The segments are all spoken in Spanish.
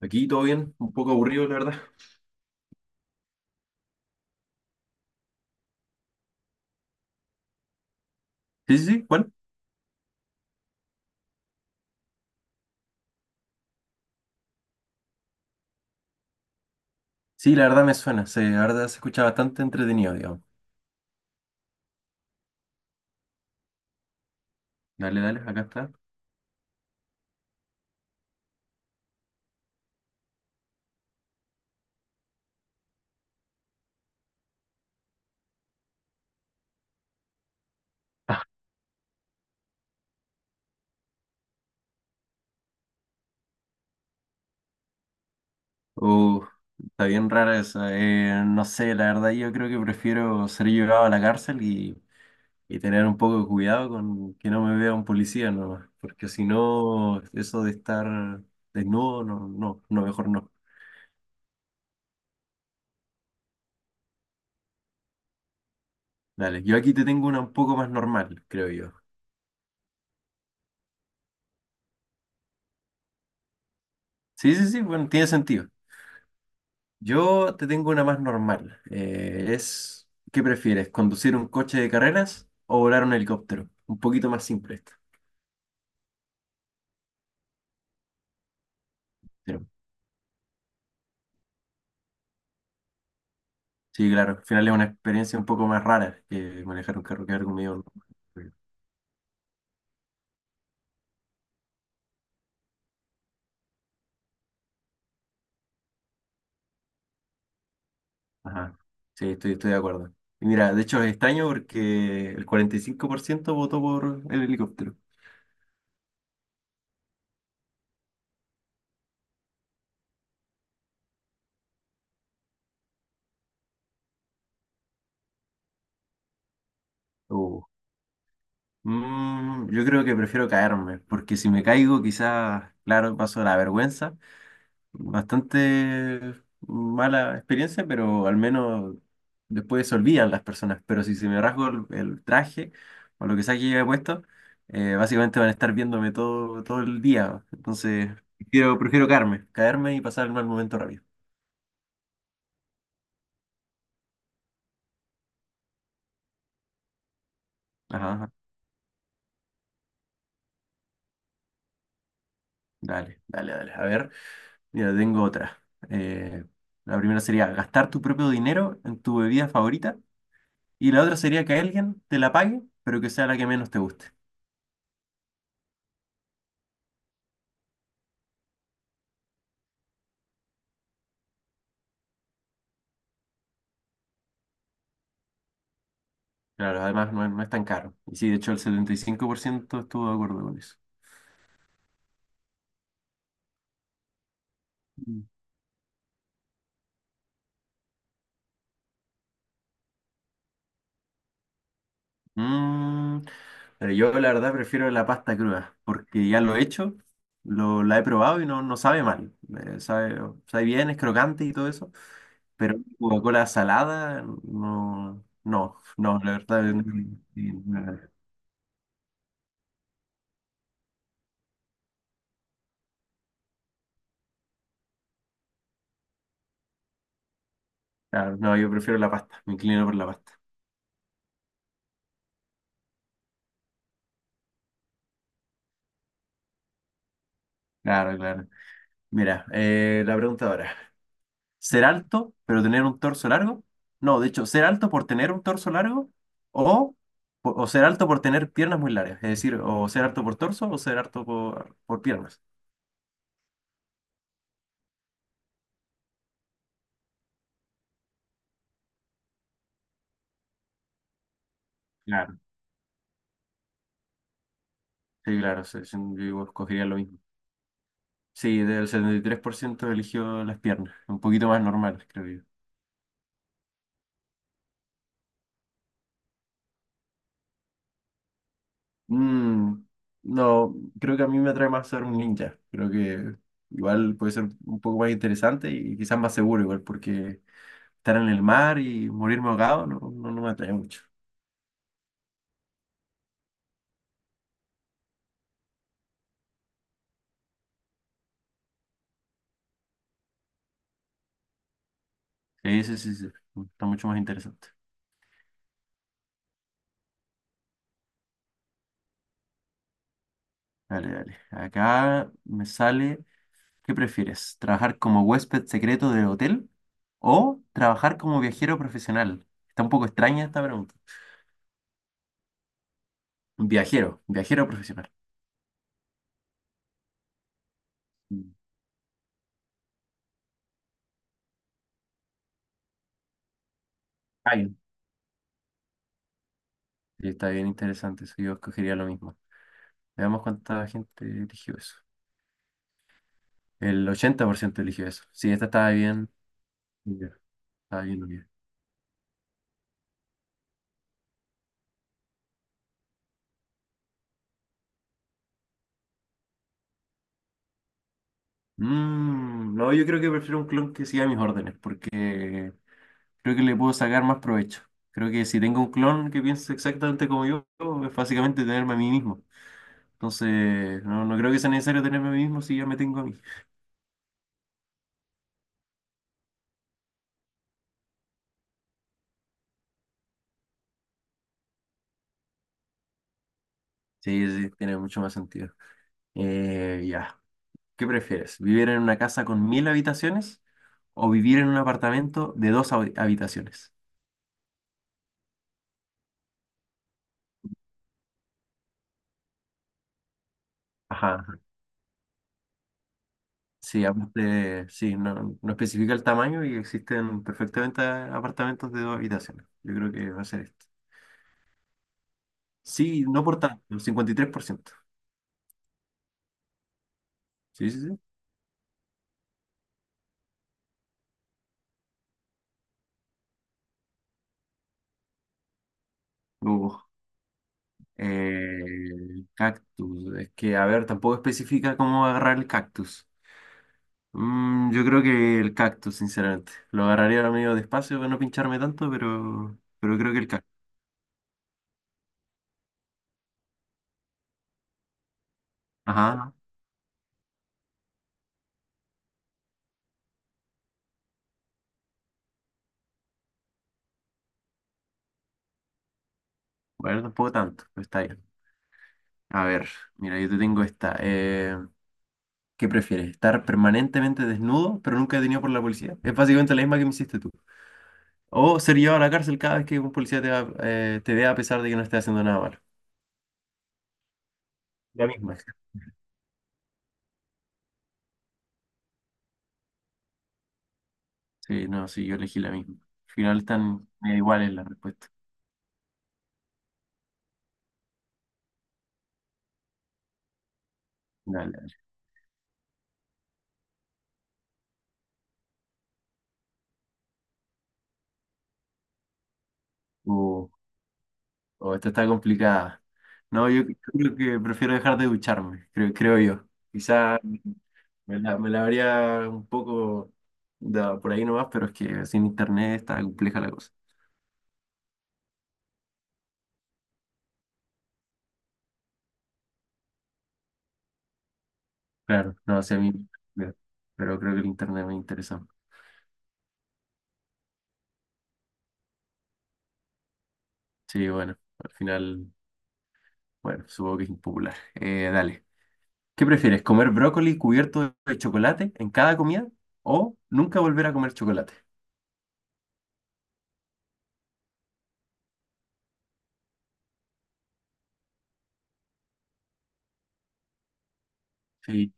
Aquí todo bien, un poco aburrido, la verdad. Sí, sí, sí, ¿cuál? Sí, la verdad me suena, la verdad se escucha bastante entretenido, digamos. Dale, dale, acá está. Oh, está bien rara esa. No sé, la verdad yo creo que prefiero ser llevado a la cárcel y tener un poco de cuidado con que no me vea un policía nomás, porque si no, eso de estar desnudo, no, no, no, mejor no. Dale, yo aquí te tengo una un poco más normal, creo yo. Sí, sí, sí, bueno, tiene sentido. Yo te tengo una más normal. ¿Qué prefieres? ¿Conducir un coche de carreras o volar un helicóptero? Un poquito más simple esto. Pero, sí, claro. Al final es una experiencia un poco más rara que manejar un carro que algo medio. Ajá. Sí, estoy de acuerdo. Y mira, de hecho es extraño porque el 45% votó por el helicóptero. Uh. Yo creo que prefiero caerme, porque si me caigo quizás, claro, paso la vergüenza, bastante mala experiencia, pero al menos después se olvidan las personas. Pero si se me rasgo el traje o lo que sea que lleve puesto, básicamente van a estar viéndome todo el día. Entonces, prefiero caerme y pasar el mal momento rápido. Ajá, ajá. Dale, dale, dale. A ver, mira, tengo otra. Eh, la primera sería gastar tu propio dinero en tu bebida favorita y la otra sería que alguien te la pague, pero que sea la que menos te guste. Claro, además no es tan caro. Y sí, de hecho el 75% estuvo de acuerdo con eso. Mm. Mm, pero yo la verdad prefiero la pasta cruda, porque ya lo he hecho, la he probado y no, no sabe mal. Eh, sabe, sabe bien, es crocante y todo eso, pero Coca-Cola salada, no, no, no, la verdad, no, no, claro, no, yo prefiero la pasta, me inclino por la pasta. Claro, claro. Mira, la pregunta ahora. Ser alto, pero tener un torso largo. No, de hecho, ser alto por tener un torso largo o, o ser alto por tener piernas muy largas. Es decir, o ser alto por torso o ser alto por piernas. Claro, sí, claro, sí, sí, yo escogería lo mismo. Sí, del 73% eligió las piernas, un poquito más normal creo yo. Mm, no, creo que a mí me atrae más ser un ninja. Creo que igual puede ser un poco más interesante y quizás más seguro igual, porque estar en el mar y morirme ahogado no, no, no me atrae mucho. Sí, sí, sí, sí. Está mucho más interesante. Dale, dale. Acá me sale, ¿qué prefieres? ¿Trabajar como huésped secreto del hotel o trabajar como viajero profesional? Está un poco extraña esta pregunta. Viajero, viajero profesional. Mm. Ay, sí, está bien interesante eso. Yo escogería lo mismo. Veamos cuánta gente eligió eso. El 80% eligió eso. Sí, esta estaba bien. Ya, estaba bien, bien. No, yo creo que prefiero un clon que siga mis órdenes, porque creo que le puedo sacar más provecho. Creo que si tengo un clon que piense exactamente como yo, es básicamente tenerme a mí mismo. Entonces, no, no creo que sea necesario tenerme a mí mismo si ya me tengo a mí. Sí, sí, sí, tiene mucho más sentido. Ya. ¿Qué prefieres? ¿Vivir en una casa con 1000 habitaciones o vivir en un apartamento de dos habitaciones? Ajá. Ajá. Sí, aparte, sí, no, no especifica el tamaño y existen perfectamente apartamentos de dos habitaciones. Yo creo que va a ser esto. Sí, no por tanto, el 53%. Sí, sí, sí. Uh, cactus. Es que, a ver, tampoco especifica cómo agarrar el cactus. Yo creo que el cactus, sinceramente. Lo agarraría ahora medio despacio para no pincharme tanto, pero creo que el cactus. Ajá. Bueno, tampoco tanto, pero está bien. A ver, mira, yo te tengo esta. ¿Qué prefieres? ¿Estar permanentemente desnudo, pero nunca detenido por la policía? Es básicamente la misma que me hiciste tú. O ser llevado a la cárcel cada vez que un policía te, te vea a pesar de que no esté haciendo nada malo. La misma. Sí, no, sí, yo elegí la misma. Al final están medio iguales las respuestas. Dale, dale. Uh, oh, esta está complicada. No, yo creo que prefiero dejar de ducharme, creo yo. Quizá me la habría un poco dado por ahí nomás, pero es que sin internet está compleja la cosa. Claro, no sé a mí, claro, pero creo que el internet me interesa. Sí, bueno, al final, bueno, supongo que es impopular. Dale. ¿Qué prefieres? ¿Comer brócoli cubierto de chocolate en cada comida o nunca volver a comer chocolate? Sí,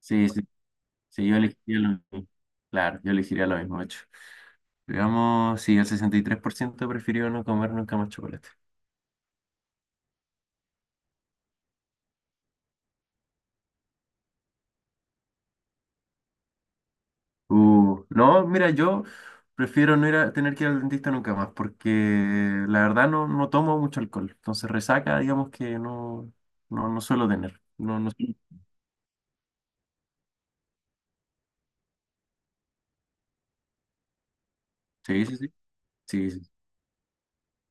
sí, sí, sí, yo elegiría lo mismo. Claro, yo elegiría lo mismo, de hecho. Digamos, sí, el 63% prefirió no comer nunca más chocolate. No, mira, yo prefiero no ir a tener que ir al dentista nunca más porque la verdad no, no tomo mucho alcohol. Entonces resaca, digamos que no, no, no suelo tener. No, no, sí, sí, sí, sí, sí,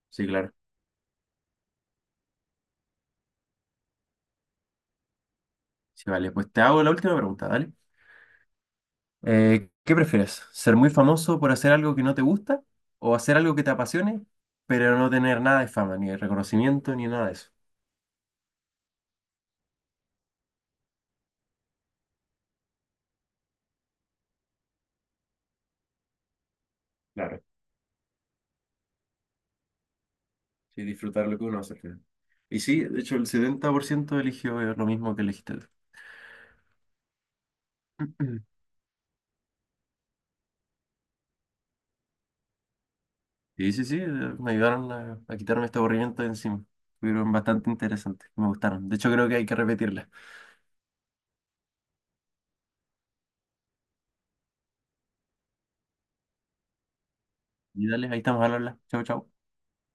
sí, claro. Sí, vale, pues te hago la última pregunta, ¿vale? ¿Qué prefieres? ¿Ser muy famoso por hacer algo que no te gusta o hacer algo que te apasione, pero no tener nada de fama, ni de reconocimiento, ni nada de eso? Claro, sí, disfrutar lo que uno hace al final. Y sí, de hecho el 70% eligió lo mismo que elegiste tú. Y sí, sí, me ayudaron a quitarme este aburrimiento de encima. Fueron bastante interesantes, me gustaron. De hecho creo que hay que repetirlas. Y dale, ahí estamos al habla. Chau, chau.